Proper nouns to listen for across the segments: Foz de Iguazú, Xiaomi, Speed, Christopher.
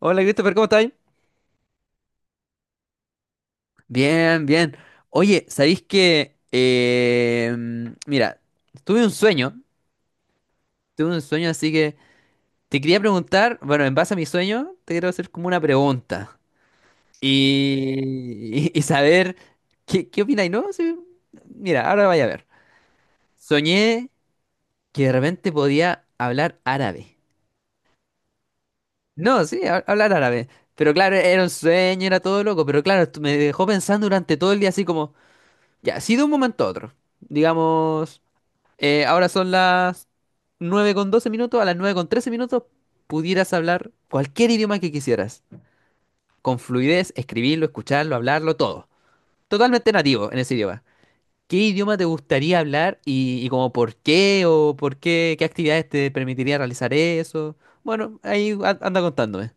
Hola Christopher, ¿cómo estáis? Bien, bien. Oye, ¿sabéis que... mira, tuve un sueño, tuve un sueño, así que te quería preguntar, bueno, en base a mi sueño, te quiero hacer como una pregunta y saber qué opináis, ¿no? Sí, mira, ahora vaya a ver. Soñé que de repente podía hablar árabe. No, sí, hablar árabe. Pero claro, era un sueño, era todo loco, pero claro, esto me dejó pensando durante todo el día así como... Ya, sí de un momento a otro. Digamos, ahora son las 9:12 minutos, a las 9:13 minutos pudieras hablar cualquier idioma que quisieras. Con fluidez, escribirlo, escucharlo, hablarlo, todo. Totalmente nativo en ese idioma. ¿Qué idioma te gustaría hablar y como por qué o por qué, qué actividades te permitiría realizar eso? Bueno, ahí anda contándome.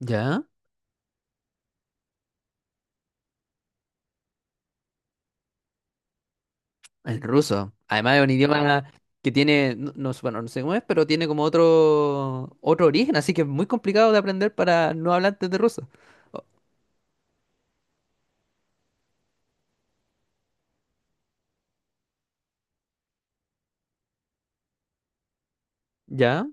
¿Ya? El ruso. Además es un idioma que tiene, bueno, no sé cómo es, pero tiene como otro, otro origen, así que es muy complicado de aprender para no hablantes de ruso. ¿Ya?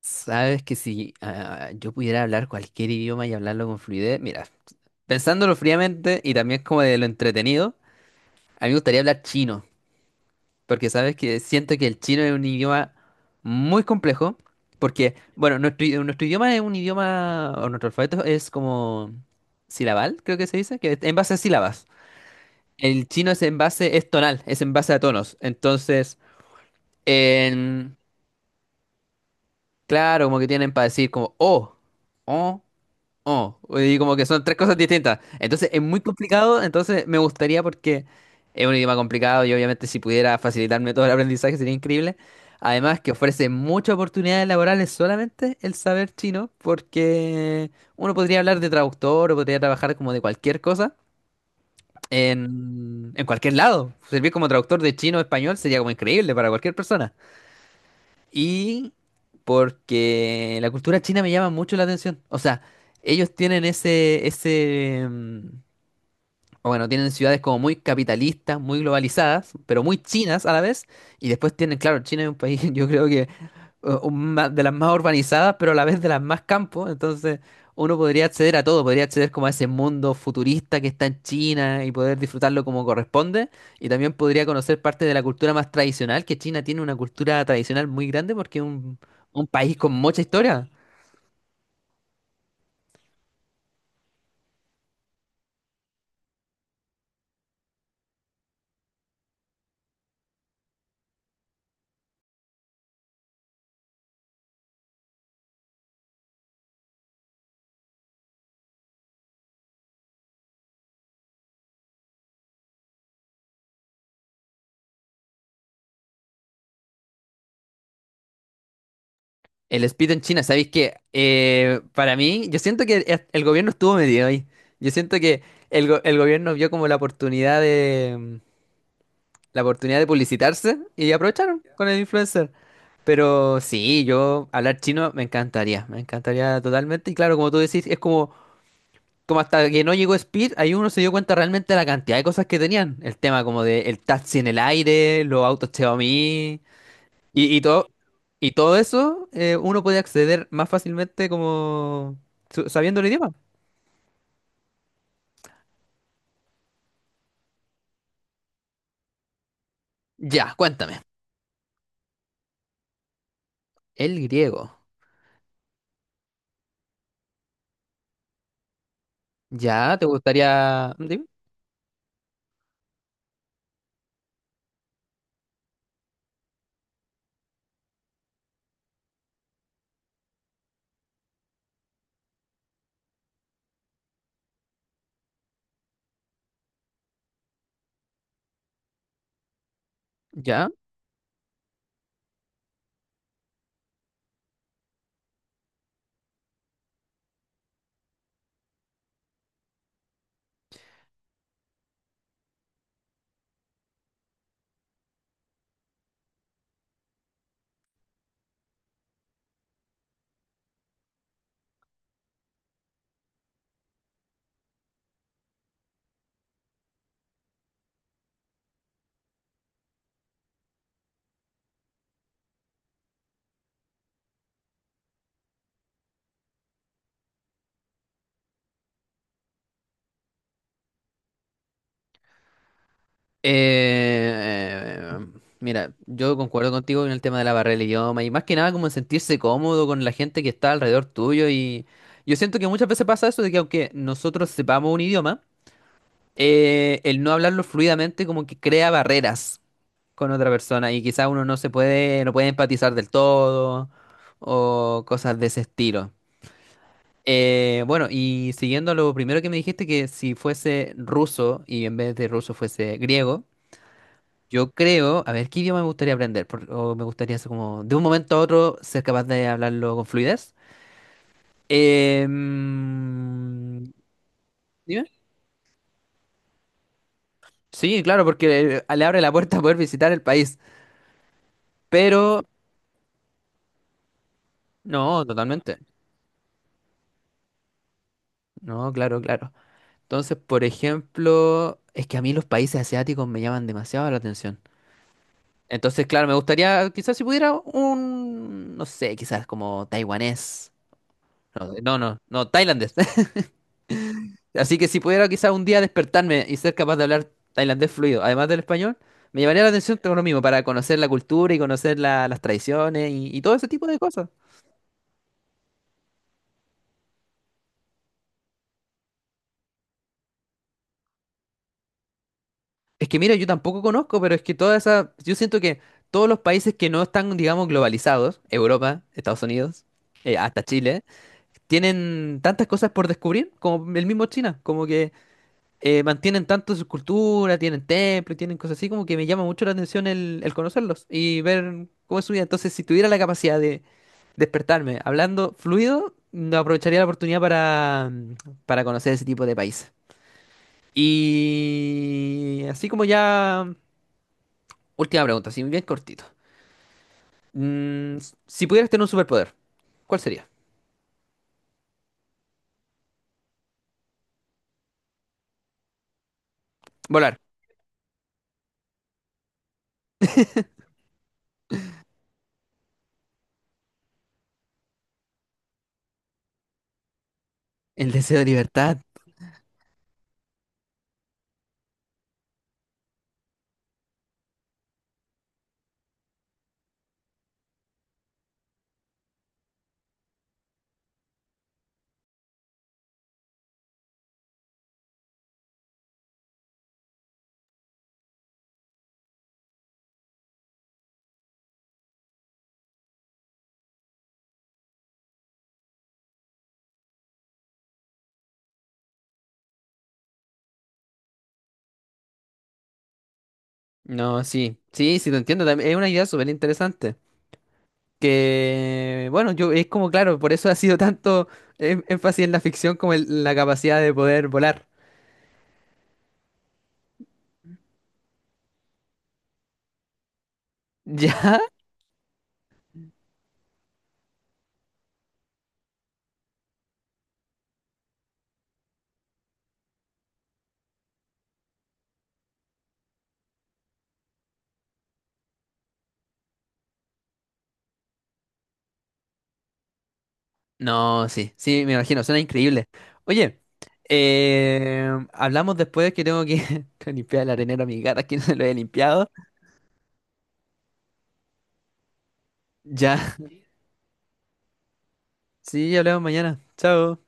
Sabes que si yo pudiera hablar cualquier idioma y hablarlo con fluidez, mira, pensándolo fríamente y también como de lo entretenido, a mí me gustaría hablar chino. Porque sabes que siento que el chino es un idioma muy complejo. Porque, bueno, nuestro idioma es un idioma, o nuestro alfabeto es como silabal, creo que se dice, que es en base a sílabas. El chino es en base, es tonal, es en base a tonos. Entonces, en- claro, como que tienen para decir como o. Oh, y como que son tres cosas distintas. Entonces es muy complicado, entonces me gustaría porque es un idioma complicado y obviamente si pudiera facilitarme todo el aprendizaje sería increíble. Además que ofrece muchas oportunidades laborales solamente el saber chino, porque uno podría hablar de traductor o podría trabajar como de cualquier cosa en cualquier lado. Servir como traductor de chino a español sería como increíble para cualquier persona. Y porque la cultura china me llama mucho la atención. O sea, ellos tienen ese, o bueno, tienen ciudades como muy capitalistas, muy globalizadas, pero muy chinas a la vez. Y después tienen, claro, China es un país, yo creo que de las más urbanizadas, pero a la vez de las más campos. Entonces, uno podría acceder a todo, podría acceder como a ese mundo futurista que está en China y poder disfrutarlo como corresponde. Y también podría conocer parte de la cultura más tradicional, que China tiene una cultura tradicional muy grande porque es un país con mucha historia. El speed en China, ¿sabéis que para mí, yo siento que el gobierno estuvo medio ahí. Yo siento que el gobierno vio como la oportunidad de publicitarse y aprovecharon con el influencer. Pero sí, yo hablar chino me encantaría totalmente. Y claro, como tú decís, es como, como hasta que no llegó Speed, ahí uno se dio cuenta realmente de la cantidad de cosas que tenían. El tema como de el taxi en el aire, los autos Xiaomi. Y, y todo, y todo eso uno puede acceder más fácilmente como sabiendo el idioma. Ya, cuéntame. El griego. Ya, ¿te gustaría? Dime. Ya. Eh, mira, yo concuerdo contigo en el tema de la barrera del idioma y más que nada como en sentirse cómodo con la gente que está alrededor tuyo y yo siento que muchas veces pasa eso de que aunque nosotros sepamos un idioma, el no hablarlo fluidamente como que crea barreras con otra persona y quizá uno no se puede, no puede empatizar del todo o cosas de ese estilo. Bueno, y siguiendo lo primero que me dijiste, que si fuese ruso y en vez de ruso fuese griego, yo creo, a ver, ¿qué idioma me gustaría aprender? O me gustaría ser como, de un momento a otro, ser capaz de hablarlo con fluidez. Eh, mm, dime. Sí, claro, porque le abre la puerta a poder visitar el país, pero no, totalmente. No, claro, claro. Entonces, por ejemplo, es que a mí los países asiáticos me llaman demasiado la atención. Entonces, claro, me gustaría, quizás si pudiera un, no sé, quizás como taiwanés. No, no, no, no, tailandés. Así que si pudiera quizás un día despertarme y ser capaz de hablar tailandés fluido, además del español, me llamaría la atención todo lo mismo, para conocer la cultura y conocer las tradiciones y todo ese tipo de cosas. Es que mira, yo tampoco conozco, pero es que toda esa, yo siento que todos los países que no están, digamos, globalizados, Europa, Estados Unidos, hasta Chile, tienen tantas cosas por descubrir, como el mismo China, como que mantienen tanto su cultura, tienen templos, tienen cosas así, como que me llama mucho la atención el conocerlos y ver cómo es su vida. Entonces, si tuviera la capacidad de despertarme hablando fluido, no aprovecharía la oportunidad para conocer ese tipo de países. Y así como ya... Última pregunta, sí, bien cortito. Si pudieras tener un superpoder, ¿cuál sería? Volar. El deseo de libertad. No, sí, sí, sí, te entiendo. Es una idea súper interesante. Que, bueno, yo es como, claro, por eso ha sido tanto énfasis en la ficción como en la capacidad de poder volar. ¿Ya? No, sí, sí, me imagino, suena increíble. Oye, hablamos después que tengo que limpiar el arenero a mi gata, que no se lo he limpiado. Ya, sí, hablamos mañana. Chao.